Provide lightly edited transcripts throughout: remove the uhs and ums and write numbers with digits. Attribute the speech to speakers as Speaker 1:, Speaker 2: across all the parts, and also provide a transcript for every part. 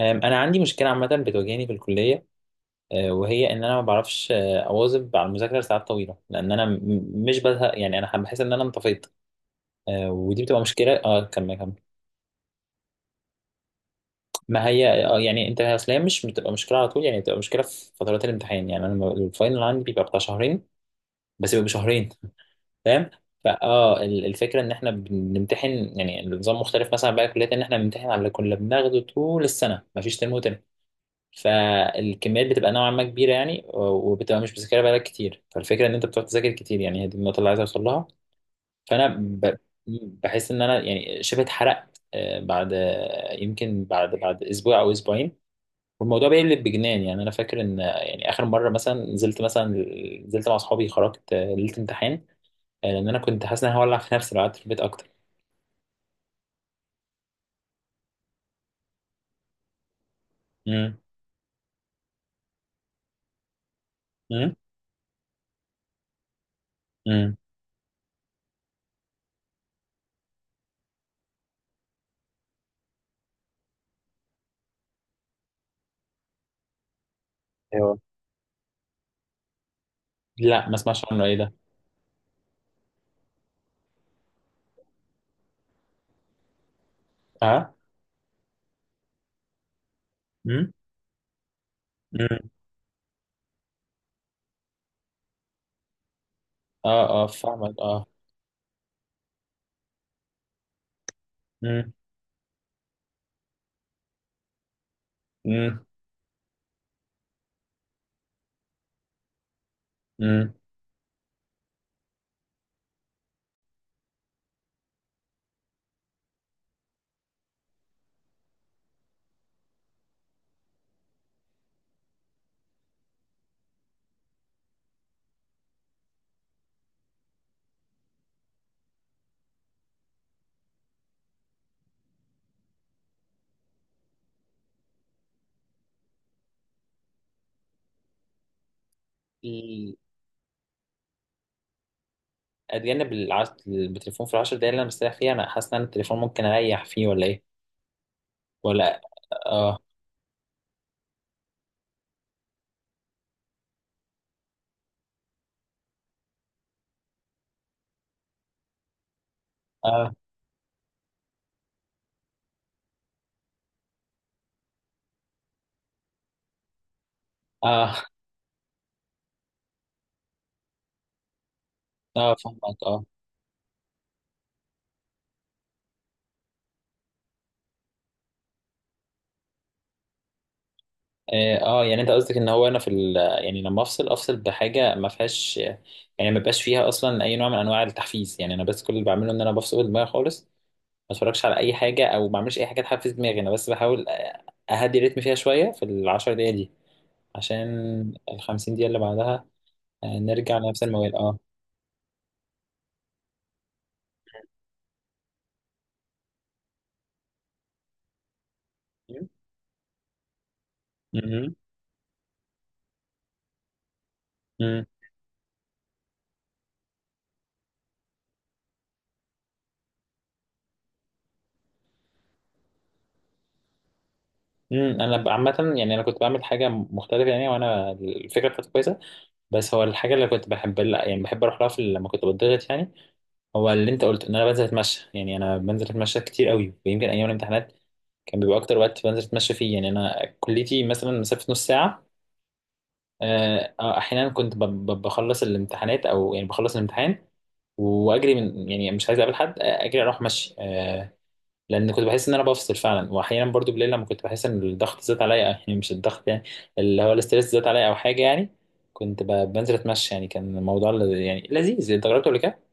Speaker 1: أنا عندي مشكلة عامة بتواجهني في الكلية. وهي إن أنا ما بعرفش، أواظب على المذاكرة لساعات طويلة، لأن أنا مش بزهق. يعني أنا بحس إن أنا انطفيت. ودي بتبقى مشكلة. كمل كمل. ما هي، يعني أنت، أصل هي مش بتبقى مشكلة على طول. يعني بتبقى مشكلة في فترات الامتحان. يعني أنا الفاينل عندي بيبقى بتاع شهرين. بس بيبقى شهرين، فاهم. الفكرة إن إحنا بنمتحن. يعني النظام مختلف مثلا، بقى كليات إن إحنا بنمتحن على اللي كنا بناخده طول السنة. مفيش ترم وترم. فالكميات بتبقى نوعا ما كبيره، يعني وبتبقى مش بتذاكرها بقالك كتير. فالفكره ان انت بتقعد تذاكر كتير. يعني هي دي النقطه اللي عايز اوصل لها. فانا بحس ان انا يعني شبه اتحرقت، بعد، يمكن بعد اسبوع او اسبوعين. والموضوع بيقلب بجنان. يعني انا فاكر ان يعني اخر مره، مثلا نزلت مع اصحابي، خرجت ليله امتحان. لان انا كنت حاسس ان انا هولع في نفسي لو قعدت في البيت اكتر. امم. امم. امم. ايوه. لا، ما اسمعش عنه، ايه ده؟ اه. امم. امم. اه، اه، فاهمك اه. مم. امم. امم. ال- اتجنب التليفون في العشر دقايق اللي انا مستريح فيها. انا حاسس ان أنا التليفون ممكن اريح فيه ولا ايه؟ ولا. اه، اه، اه، اه، فهمك اه. اه، يعني انت قصدك ان هو انا في يعني لما افصل بحاجه ما فيهاش. يعني ما بقاش فيها اصلا اي نوع من انواع التحفيز. يعني انا بس كل اللي بعمله ان انا بفصل دماغي خالص. ما اتفرجش على اي حاجه او ما بعملش اي حاجه تحفز دماغي، انا بس بحاول اهدي الريتم فيها شويه في العشر دقايق دي، عشان الخمسين دقيقه اللي بعدها نرجع لنفس الموال اه مم. مم. مم. انا عامه، يعني انا كنت بعمل حاجه مختلفه. يعني وانا الفكره بتاعتي كويسه. بس هو الحاجه اللي كنت بحب، لا، يعني بحب اروح لها في لما كنت بتضغط، يعني. هو اللي انت قلته ان انا بنزل اتمشى. يعني انا بنزل اتمشى كتير قوي. ويمكن ايام الامتحانات كان بيبقى اكتر وقت بنزل اتمشى فيه. يعني انا كليتي مثلا مسافه نص ساعه. احيانا كنت بخلص الامتحانات، او يعني بخلص الامتحان واجري من، يعني مش عايز اقابل حد، اجري اروح مشي. لان كنت بحس ان انا بفصل فعلا. واحيانا برضو بالليل لما كنت بحس ان الضغط زاد عليا، يعني مش الضغط، يعني اللي هو الاستريس زاد عليا او حاجه، يعني. كنت بنزل اتمشى، يعني كان الموضوع يعني لذيذ. انت جربته قبل كده؟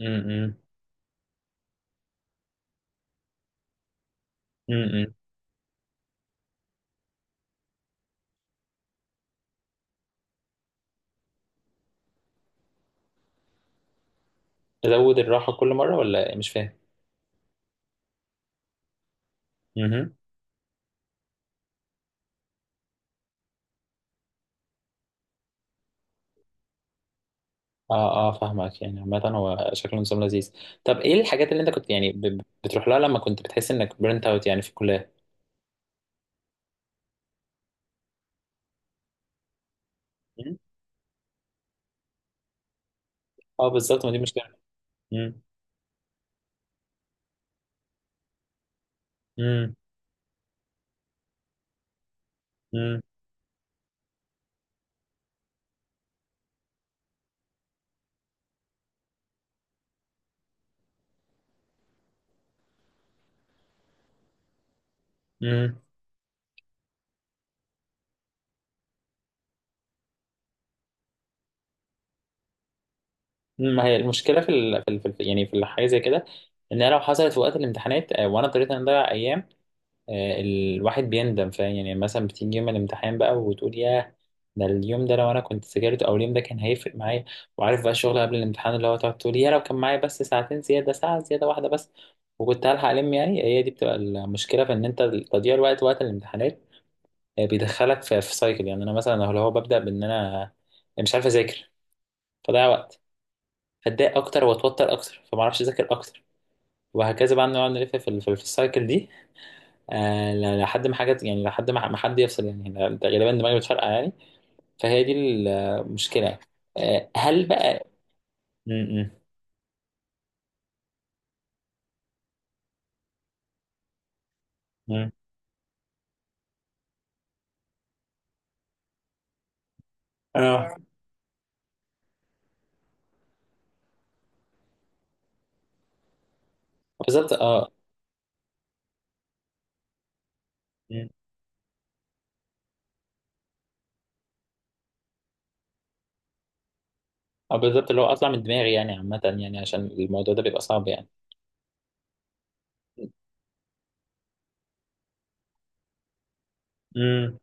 Speaker 1: امم. امم. تزود الراحه كل مره، ولا مش فاهم؟ امم. اه، اه، فاهمك. يعني عامة هو شكله نظام لذيذ. طب ايه الحاجات اللي انت كنت يعني بتروح لها لما كنت بتحس انك برنت اوت، يعني في الكلية؟ مم. اه، بالظبط، ما دي مشكلة. مم. مم. مم. مم. ما هي المشكله يعني في الحاجه زي كده. ان هي لو حصلت في وقت الامتحانات، وانا اضطريت ان اضيع ايام، الواحد بيندم، فاهم؟ يعني مثلا بتيجي يوم الامتحان بقى وتقول ياه. ده اليوم ده لو انا كنت ذاكرت، او اليوم ده كان هيفرق معايا. وعارف بقى الشغل قبل الامتحان، اللي هو تقعد تقول يا لو كان معايا بس ساعتين زياده، ساعه زياده واحده بس وكنت هلحق، يعني هي دي بتبقى المشكله في ان انت تضييع الوقت وقت الامتحانات. بيدخلك في سايكل. يعني انا مثلا لو هو ببدا بان انا مش عارف اذاكر، فضيع وقت، اتضايق اكتر، واتوتر اكتر، فما اعرفش اذاكر اكتر، وهكذا بقى نقعد نلف في السايكل دي. لحد ما حاجه، يعني لحد ما حد يفصل. يعني ده غالبا دماغي بتفرقع، يعني. فهي دي المشكله، يعني. هل بقى م- م- م. اه، بالظبط، اه. م. اه، بالظبط، اللي هو اطلع من دماغي، يعني عامه، يعني عشان الموضوع ده بيبقى صعب، يعني. امم.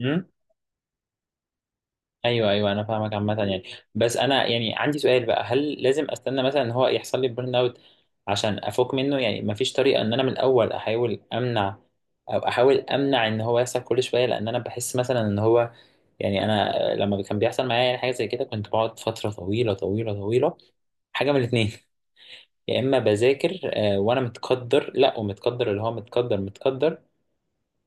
Speaker 1: امم. ايوه، ايوه، انا فاهمك عامه، يعني. بس انا، يعني، عندي سؤال بقى، هل لازم استنى مثلا ان هو يحصل لي بيرن اوت عشان افوق منه؟ يعني مفيش طريقه ان انا من الاول احاول امنع، او احاول امنع ان هو يحصل كل شويه؟ لان انا بحس مثلا ان هو، يعني انا لما كان بيحصل معايا يعني حاجه زي كده كنت بقعد فتره طويله طويله طويله. حاجه من الاثنين. يا اما بذاكر، وانا متقدر، لا، ومتقدر، اللي هو متقدر متقدر،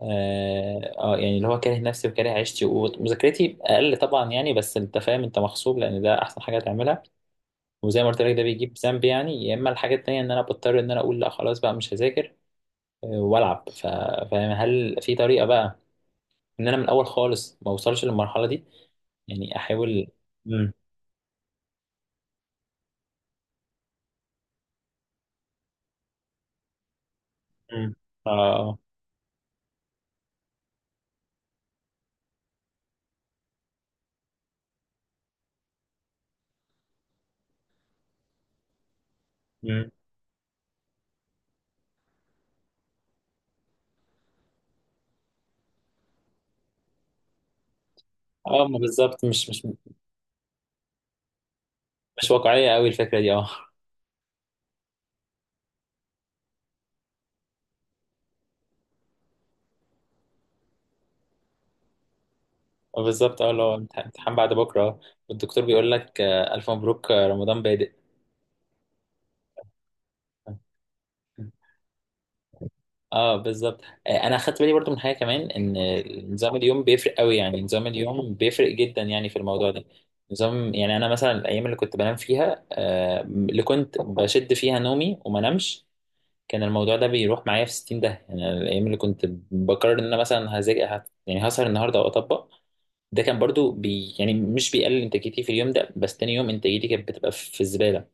Speaker 1: اه. يعني اللي هو كاره نفسي وكاره عيشتي ومذاكرتي اقل، طبعا، يعني بس انت فاهم انت مغصوب لان ده احسن حاجه تعملها. وزي ما قلت لك ده بيجيب ذنب، يعني. يا اما الحاجه التانيه ان انا بضطر ان انا اقول لا خلاص بقى، مش هذاكر. والعب فاهم؟ هل في طريقه بقى ان انا من الاول خالص ما اوصلش للمرحله دي، يعني احاول. امم. امم. اه. امم. اه، ما بالظبط، مش واقعيه قوي الفكره دي، اه بالظبط، اه، اللي هو امتحان بعد بكره. والدكتور بيقول لك، الف مبروك، رمضان بادئ. اه، بالظبط. انا اخدت بالي برضو من حاجه كمان، ان نظام اليوم بيفرق قوي. يعني نظام اليوم بيفرق جدا، يعني في الموضوع ده. نظام، يعني انا مثلا الايام اللي كنت بنام فيها، اللي كنت بشد فيها نومي وما نمش، كان الموضوع ده بيروح معايا في 60 ده. يعني الايام اللي كنت بقرر ان انا مثلا هذاكر، يعني هسهر النهارده او اطبق، ده كان برضو بي، يعني مش بيقلل انتاجيتي في اليوم ده، بس تاني يوم انتاجيتي كانت بتبقى في الزباله.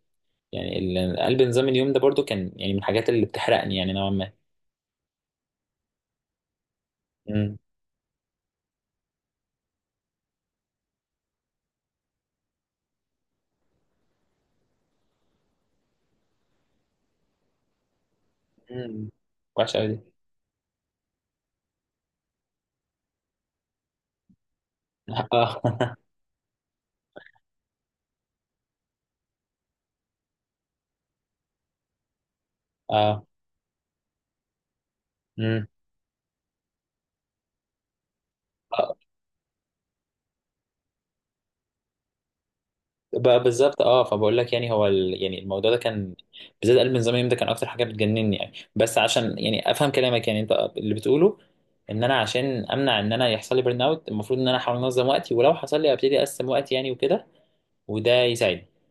Speaker 1: يعني قلب نظام اليوم ده برضو كان، يعني من الحاجات اللي بتحرقني، يعني نوعا ما. مم. وحشة أوي دي اه، اه. مم. آه، بقى بالظبط، اه، فبقول لك يعني هو يعني الموضوع ده كان بالذات قلب من زمان، ده كان اكتر حاجه بتجنني، يعني. بس عشان يعني افهم كلامك، يعني انت اللي بتقوله ان انا عشان امنع ان انا يحصل لي بيرن اوت، المفروض ان انا احاول انظم وقتي، ولو حصل لي ابتدي اقسم وقتي، يعني، وكده، وده يساعدني